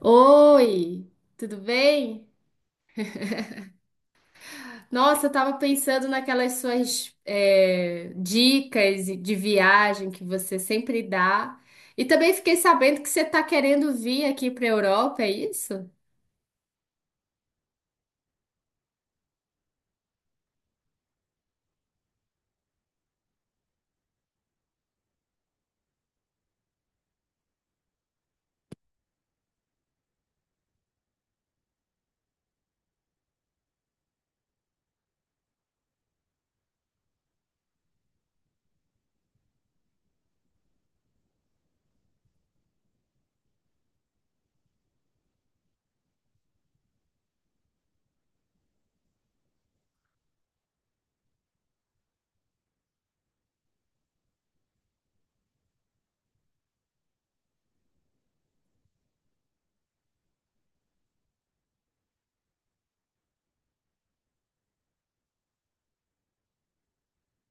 Oi, tudo bem? Nossa, eu tava pensando naquelas suas dicas de viagem que você sempre dá. E também fiquei sabendo que você tá querendo vir aqui para a Europa, é isso?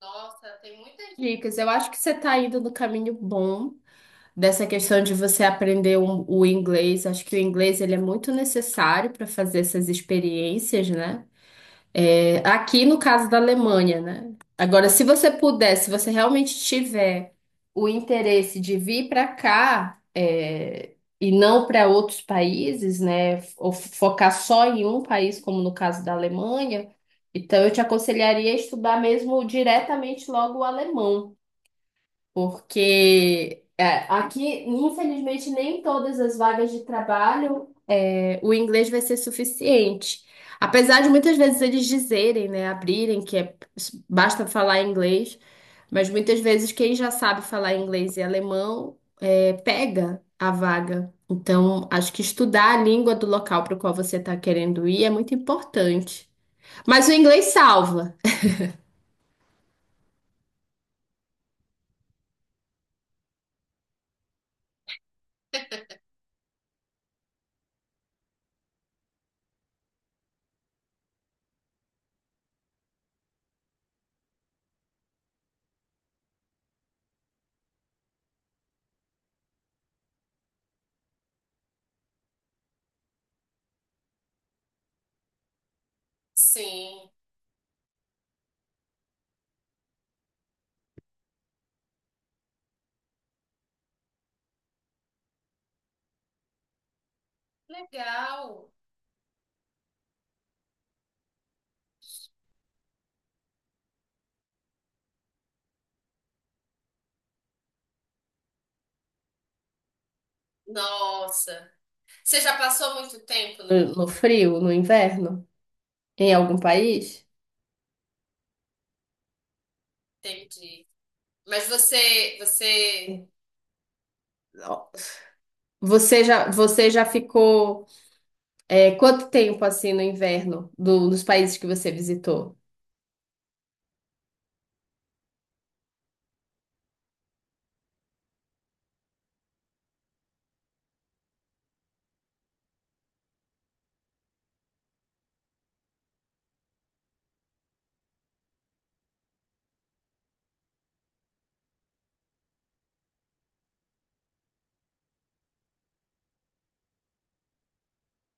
Nossa, tem muitas dicas. Eu acho que você tá indo no caminho bom dessa questão de você aprender o inglês. Acho que o inglês ele é muito necessário para fazer essas experiências, né? É, aqui no caso da Alemanha, né? Agora, se você puder, se você realmente tiver o interesse de vir para cá, e não para outros países, né? Ou focar só em um país, como no caso da Alemanha, então eu te aconselharia a estudar mesmo diretamente logo o alemão. Porque aqui, infelizmente, nem todas as vagas de trabalho o inglês vai ser suficiente. Apesar de muitas vezes eles dizerem, né, abrirem que basta falar inglês, mas muitas vezes quem já sabe falar inglês e alemão pega a vaga. Então, acho que estudar a língua do local para o qual você está querendo ir é muito importante. Mas o inglês salva. Sim, legal. Nossa. Você já passou muito tempo no frio, no inverno, em algum país? Entendi. Mas você... Ó, Você já ficou quanto tempo assim no inverno dos países que você visitou?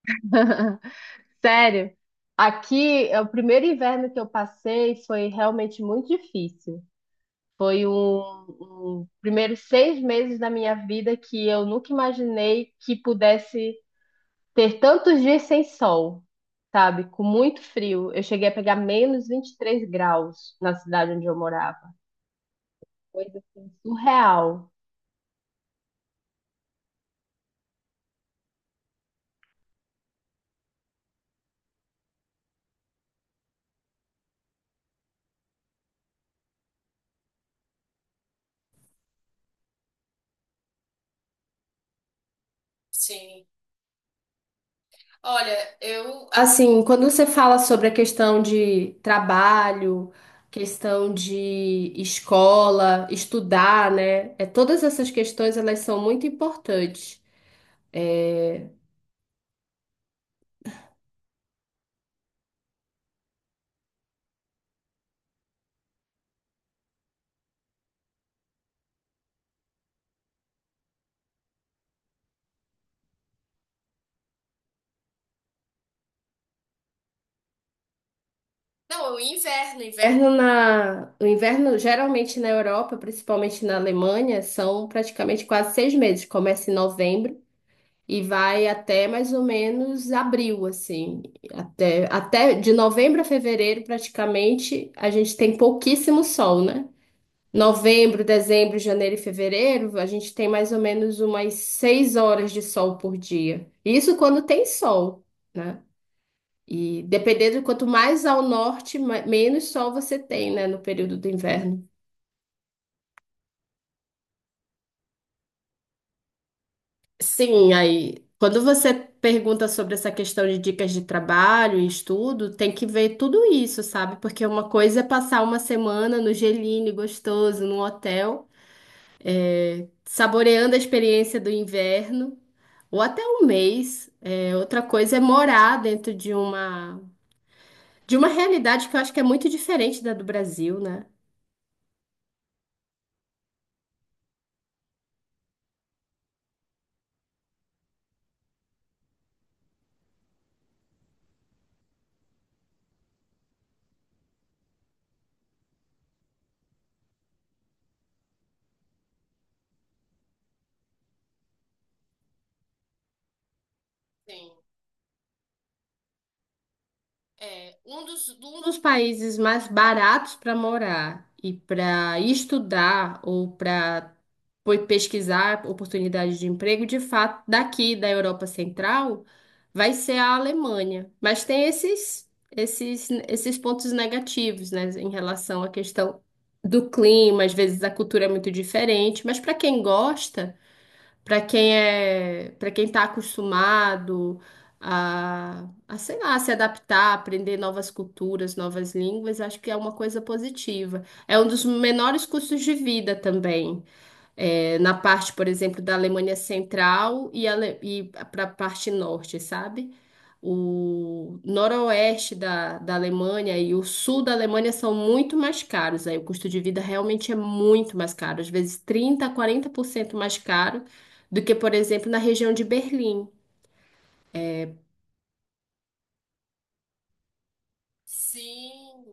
Sério, aqui é o primeiro inverno que eu passei foi realmente muito difícil. Foi um primeiros 6 meses da minha vida que eu nunca imaginei que pudesse ter tantos dias sem sol, sabe? Com muito frio. Eu cheguei a pegar menos 23 graus na cidade onde eu morava. Coisa assim, surreal. Sim. Olha, eu, assim, quando você fala sobre a questão de trabalho, questão de escola, estudar, né? É, todas essas questões, elas são muito importantes. Não, é o inverno geralmente na Europa, principalmente na Alemanha, são praticamente quase 6 meses. Começa em novembro e vai até mais ou menos abril, assim, até de novembro a fevereiro praticamente a gente tem pouquíssimo sol, né? Novembro, dezembro, janeiro e fevereiro a gente tem mais ou menos umas 6 horas de sol por dia. Isso quando tem sol, né? E dependendo, quanto mais ao norte, menos sol você tem, né, no período do inverno. Sim, aí, quando você pergunta sobre essa questão de dicas de trabalho e estudo, tem que ver tudo isso, sabe? Porque uma coisa é passar uma semana no geline gostoso, num hotel, saboreando a experiência do inverno, ou até um mês. É, outra coisa é morar dentro de uma realidade que eu acho que é muito diferente da do Brasil, né? É, um dos países mais baratos para morar e para estudar ou para pesquisar oportunidades de emprego, de fato, daqui da Europa Central, vai ser a Alemanha. Mas tem esses pontos negativos, né, em relação à questão do clima, às vezes a cultura é muito diferente, mas para quem gosta para quem é, para quem está acostumado sei lá, se adaptar, aprender novas culturas, novas línguas, acho que é uma coisa positiva. É um dos menores custos de vida também na parte, por exemplo, da Alemanha Central e para a parte norte, sabe? O noroeste da Alemanha e o sul da Alemanha são muito mais caros. Aí o custo de vida realmente é muito mais caro, às vezes 30 a 40% mais caro do que, por exemplo, na região de Berlim. Sim,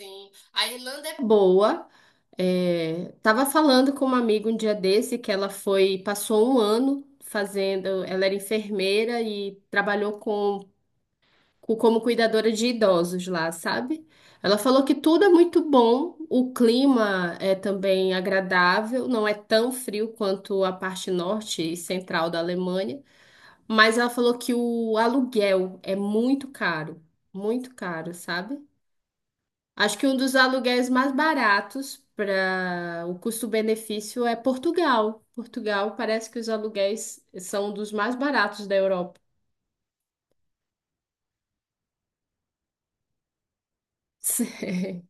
sim, a Irlanda é boa. É, tava falando com uma amiga um dia desse que ela foi, passou um ano fazendo, ela era enfermeira e trabalhou como cuidadora de idosos lá, sabe? Ela falou que tudo é muito bom, o clima é também agradável, não é tão frio quanto a parte norte e central da Alemanha, mas ela falou que o aluguel é muito caro, sabe? Acho que um dos aluguéis mais baratos para o custo-benefício é Portugal. Portugal parece que os aluguéis são um dos mais baratos da Europa. Sim.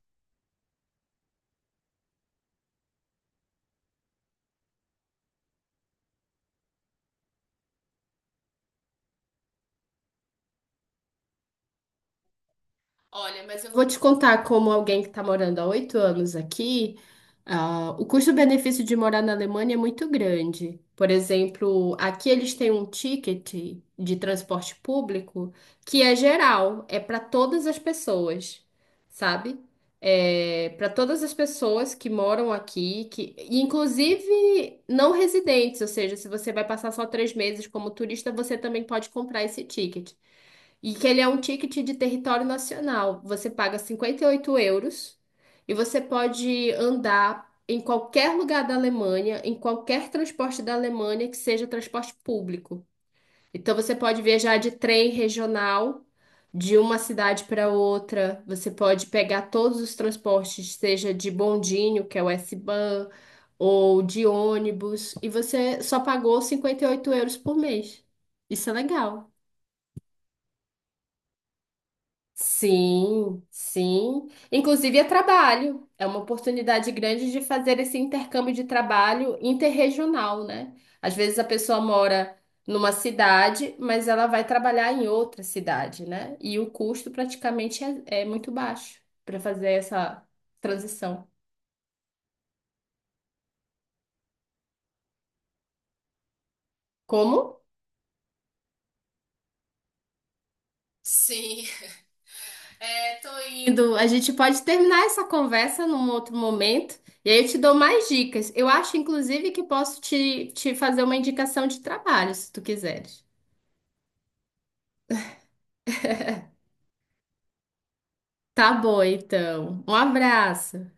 Olha, mas eu vou te contar como alguém que está morando há 8 anos aqui, o custo-benefício de morar na Alemanha é muito grande. Por exemplo, aqui eles têm um ticket de transporte público que é geral, é para todas as pessoas, sabe? É para todas as pessoas que moram aqui, que e inclusive não residentes, ou seja, se você vai passar só 3 meses como turista, você também pode comprar esse ticket. E que ele é um ticket de território nacional. Você paga 58 euros e você pode andar em qualquer lugar da Alemanha, em qualquer transporte da Alemanha que seja transporte público. Então você pode viajar de trem regional de uma cidade para outra, você pode pegar todos os transportes, seja de bondinho, que é o S-Bahn, ou de ônibus, e você só pagou 58 euros por mês. Isso é legal. Sim, sim. Inclusive é trabalho. É uma oportunidade grande de fazer esse intercâmbio de trabalho interregional, né? Às vezes a pessoa mora numa cidade, mas ela vai trabalhar em outra cidade, né? E o custo praticamente é muito baixo para fazer essa transição. Como? Sim, tô indo. A gente pode terminar essa conversa num outro momento e aí eu te dou mais dicas. Eu acho, inclusive, que posso te fazer uma indicação de trabalho, se tu quiseres. Tá bom, então. Um abraço.